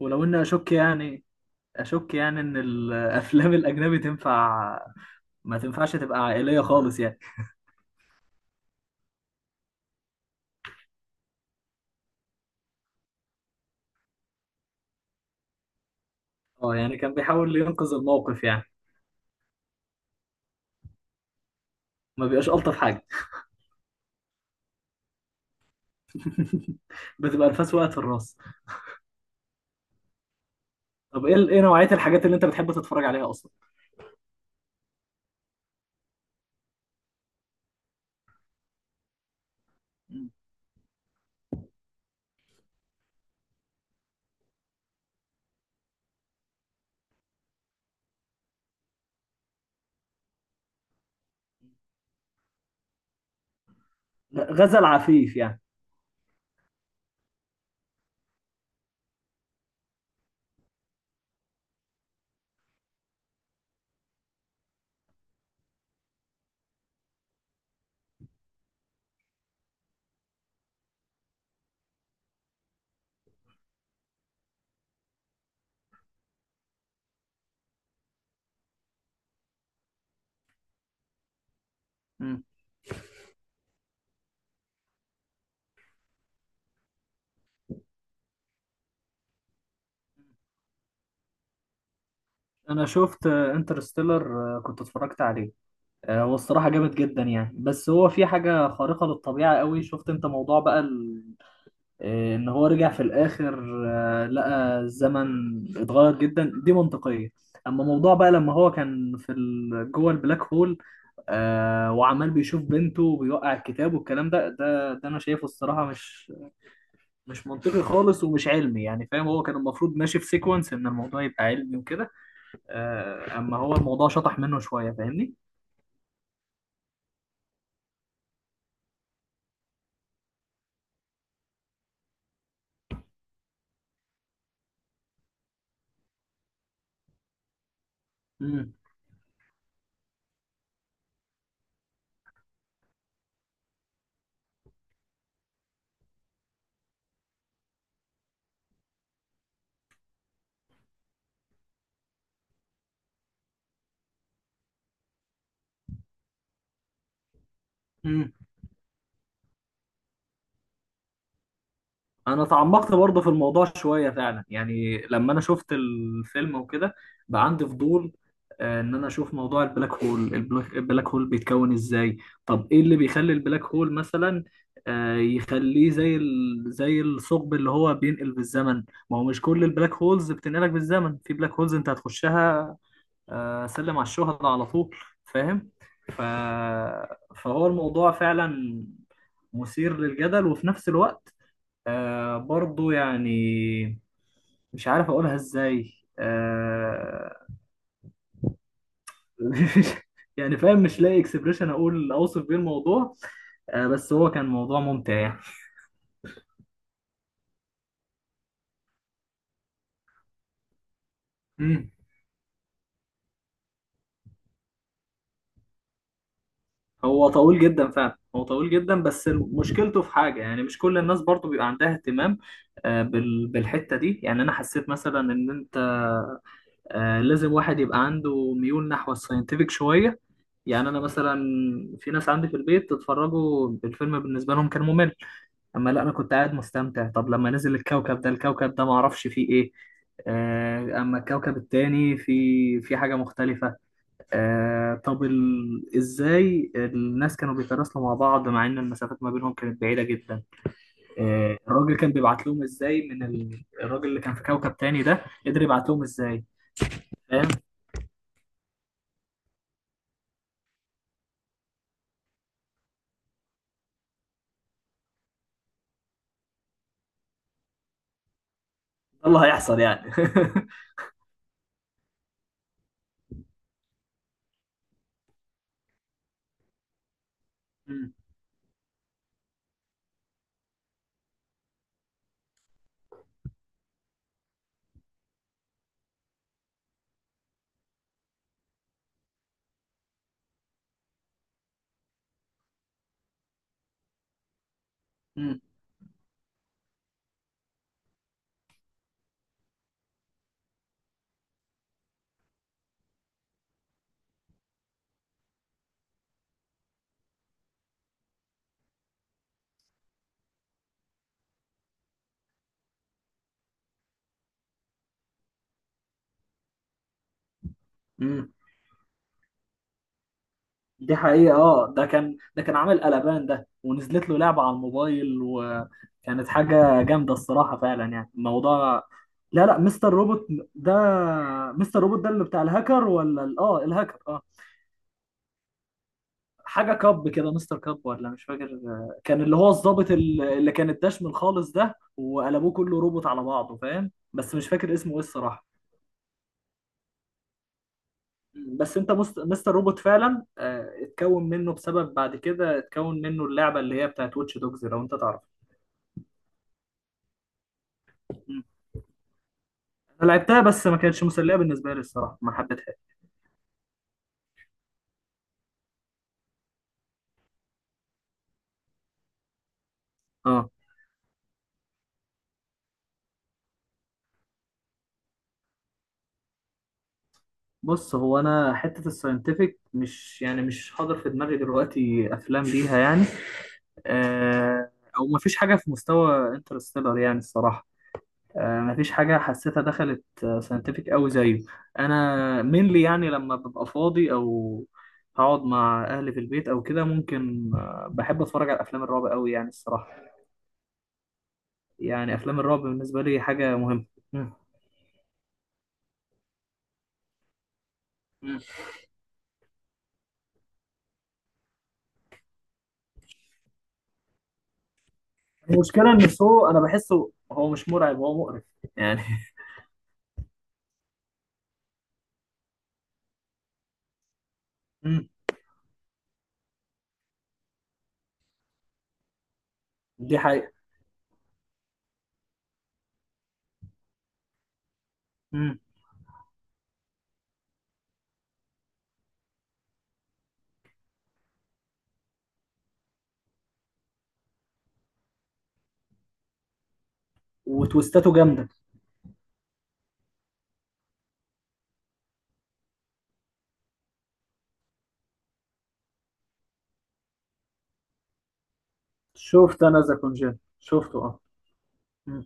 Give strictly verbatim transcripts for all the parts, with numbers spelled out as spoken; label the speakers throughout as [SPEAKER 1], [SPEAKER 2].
[SPEAKER 1] ولو اني اشك يعني اشك يعني ان الافلام الاجنبي تنفع، ما تنفعش تبقى عائليه خالص يعني. اه، يعني كان بيحاول ينقذ الموقف يعني، ما بيبقاش الطف حاجه، بتبقى الفاس وقعت في الراس. طب ايه ايه نوعيه الحاجات اللي انت بتحب تتفرج عليها اصلا؟ مم. غزل عفيف يعني. مم. انا شفت انترستيلر، كنت اتفرجت عليه. آه، هو الصراحه جامد جدا يعني، بس هو في حاجه خارقه للطبيعه قوي. شفت انت موضوع بقى إيه، ان هو رجع في الاخر؟ آه، لقى الزمن اتغير جدا، دي منطقية. اما موضوع بقى لما هو كان في ال- جوه البلاك هول، آه، وعمال بيشوف بنته وبيوقع الكتاب والكلام ده، ده ده انا شايفه الصراحة مش مش منطقي خالص ومش علمي يعني، فاهم. هو كان المفروض ماشي في سيكونس، ان الموضوع يبقى علمي وكده. آه، اما هو الموضوع شطح منه شوية، فاهمني؟ مم. انا تعمقت برضه في الموضوع شويه فعلا، يعني لما انا شفت الفيلم وكده بقى عندي فضول. آه، ان انا اشوف موضوع البلاك هول، البلاك البلاك هول بيتكون ازاي. طب ايه اللي بيخلي البلاك هول مثلا، آه، يخليه زي ال... زي الثقب اللي هو بينقل بالزمن؟ ما هو مش كل البلاك هولز بتنقلك بالزمن، في بلاك هولز انت هتخشها آه، سلم على الشهداء على طول، فاهم. ف... فهو الموضوع فعلا مثير للجدل، وفي نفس الوقت آه برضو، يعني مش عارف اقولها ازاي. آه يعني فاهم، مش لاقي اكسبريشن اقول اوصف بيه الموضوع. آه بس هو كان موضوع ممتع يعني. امم هو طويل جدا فعلا، هو طويل جدا، بس مشكلته في حاجة يعني مش كل الناس برضو بيبقى عندها اهتمام آه، بال- بالحتة دي. يعني أنا حسيت مثلا إن أنت آه، لازم واحد يبقى عنده ميول نحو الساينتفك شوية. يعني أنا مثلا، في ناس عندي في البيت اتفرجوا الفيلم بالنسبة لهم كان ممل، أما لا، أنا كنت قاعد مستمتع. طب لما نزل الكوكب ده الكوكب ده معرفش فيه إيه، آه، أما الكوكب التاني في في حاجة مختلفة. آه، طب ال... إزاي الناس كانوا بيتراسلوا مع بعض، مع إن المسافات ما بينهم كانت بعيدة جدا؟ آه، الراجل كان بيبعت لهم إزاي؟ من ال... الراجل اللي كان في كوكب تاني ده قدر يبعت لهم إزاي؟ الله، هيحصل يعني. مم. مم. مم. دي حقيقة. اه، ده كان ده كان عامل قلبان ده، ونزلت له لعبة على الموبايل وكانت حاجة جامدة الصراحة، فعلا يعني الموضوع. لا، لا، مستر روبوت ده. مستر روبوت ده اللي بتاع الهاكر، ولا ال- اه الهاكر، اه حاجة كاب كده، مستر كاب ولا مش فاكر. آه، كان اللي هو الضابط ال- اللي كان الدشم الخالص ده وقلبوه كله روبوت على بعضه، فاهم، بس مش فاكر اسمه ايه الصراحة. بس انت مست- مستر روبوت فعلا. آه، اتكون منه بسبب، بعد كده اتكون منه اللعبه اللي هي بتاعت واتش دوجز، لو انت تعرف. مم. انا لعبتها بس ما كانتش مسليه بالنسبه لي الصراحه، ما حبيتهاش. اه، بص هو انا حته الساينتفك مش يعني مش حاضر في دماغي دلوقتي افلام ليها يعني، آه او ما فيش حاجه في مستوى انترستيلر يعني الصراحه. آه، مفيش حاجة حسيتها دخلت ساينتفك أوي زيه. أنا mainly يعني لما ببقى فاضي أو هقعد مع أهلي في البيت أو كده ممكن، آه، بحب أتفرج على أفلام الرعب أوي يعني الصراحة. يعني أفلام الرعب بالنسبة لي حاجة مهمة. مم. مم. المشكلة إن سو أنا بحسه هو مش مرعب، هو مقرف يعني. مم. دي حقيقة. مم. وتويستاته جامدة. شفت أنا ذا كونجين، شفته أه. مم.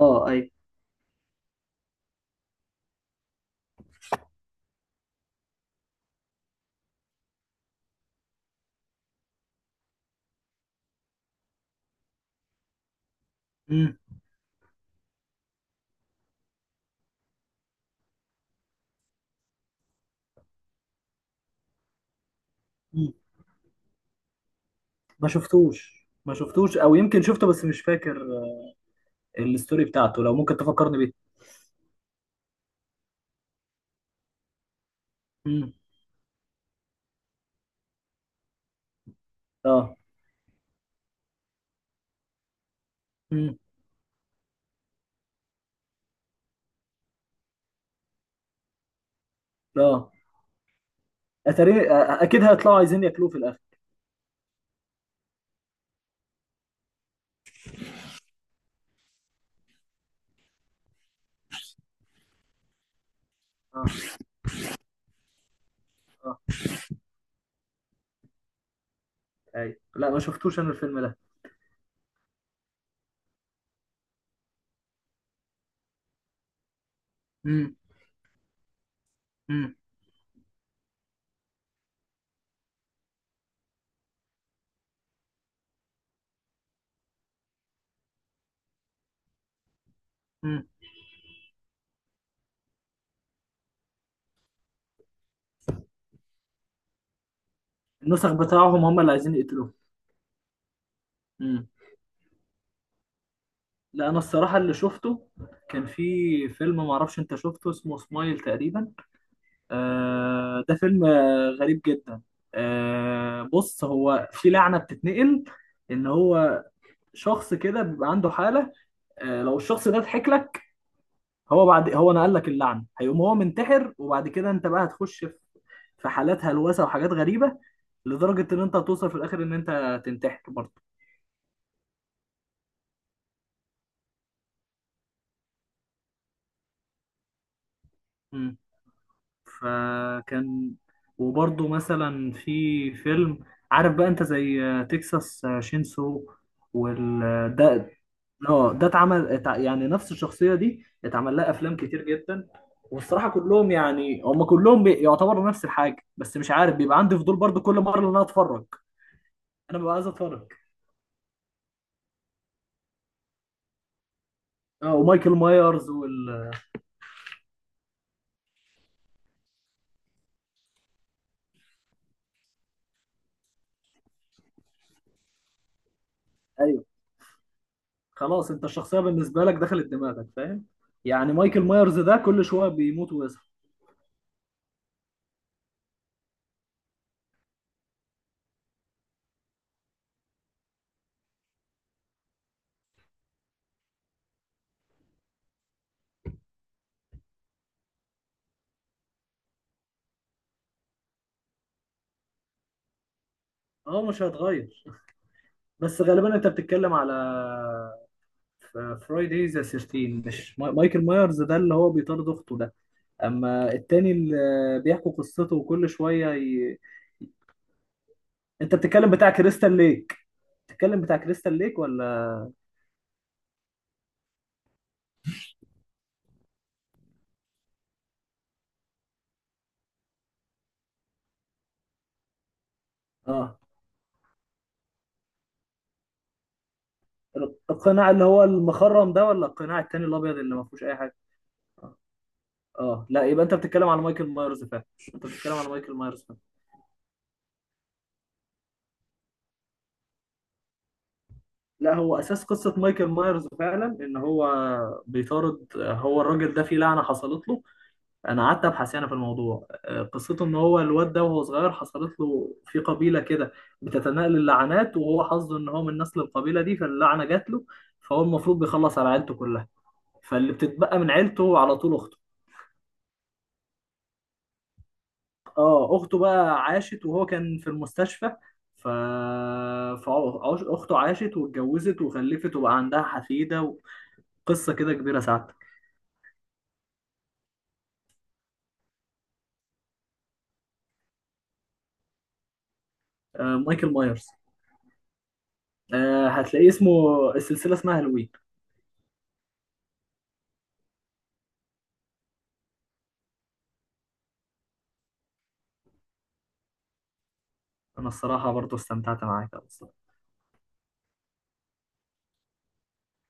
[SPEAKER 1] أه. أي. مم. مم. ما شفتوش، ما شفتوش، أو يمكن شفته بس مش فاكر الستوري بتاعته، لو ممكن تفكرني بيه. مم. اه. مم. اه، اتاري آه، اكيد هيطلعوا عايزين ياكلوه في الاخر. اه. اه. ايوه. لا، ما شفتوش انا الفيلم ده. مم. مم. مم. النسخ بتاعهم هم اللي عايزين يقتلوه. امم. لا، انا الصراحه اللي شفته كان في فيلم، ما اعرفش انت شفته، اسمه سمايل تقريبا. آه ده فيلم آه، غريب جدا. آه بص، هو في لعنه بتتنقل، ان هو شخص كده بيبقى عنده حاله. آه لو الشخص ده ضحك لك، هو بعد هو نقل لك اللعنه، هيقوم هو منتحر، وبعد كده انت بقى هتخش في في حالات هلوسه وحاجات غريبه، لدرجه ان انت هتوصل في الاخر ان انت تنتحر برضه. مم. فكان، وبرضه مثلا في فيلم، عارف بقى انت زي تكساس شينسو وال ده. اه، ده اتعمل، اتع- يعني نفس الشخصيه دي اتعمل لها افلام كتير جدا. والصراحه كلهم يعني هم كلهم بي- يعتبروا نفس الحاجه، بس مش عارف، بيبقى عندي فضول برضه كل مره ان انا اتفرج، انا ببقى عايز اتفرج. اه، ومايكل مايرز وال ايوه، خلاص انت الشخصيه بالنسبه لك دخلت دماغك، فاهم. يعني مايكل مايرز ده كل شويه بيموت ويصحى. اه، مش هيتغير. بس غالبا انت بتتكلم على فرايداي ذا تلاتاشر، مش ما- مايكل مايرز ده اللي هو بيطارد اخته ده، اما التاني اللي بيحكوا قصته وكل شويه ي... انت بتتكلم بتاع كريستال ليك بتتكلم بتاع كريستال ليك ولا؟ اه، القناع اللي هو المخرم ده ولا القناع التاني الابيض اللي ما فيهوش اي حاجه؟ اه، لا، يبقى انت بتتكلم على مايكل مايرز فعلا. انت بتتكلم على مايكل مايرز فعلا. لا، هو اساس قصه مايكل مايرز فعلا ان هو بيطارد، هو الراجل ده في لعنه حصلت له. انا قعدت ابحث يعني في الموضوع، آه، قصته ان هو الواد ده وهو صغير حصلت له في قبيله كده بتتناقل اللعنات، وهو حظه ان هو من نسل القبيله دي، فاللعنه جات له. فهو المفروض بيخلص على عيلته كلها، فاللي بتتبقى من عيلته على طول اخته. اه، اخته بقى عاشت وهو كان في المستشفى، ف فاخته عاشت واتجوزت وخلفت وبقى عندها حفيده، وقصه كده كبيره سعادتك. آه، مايكل مايرز. آه هتلاقيه اسمه، السلسله اسمها هالوين. انا الصراحه برضو استمتعت معاك أوي.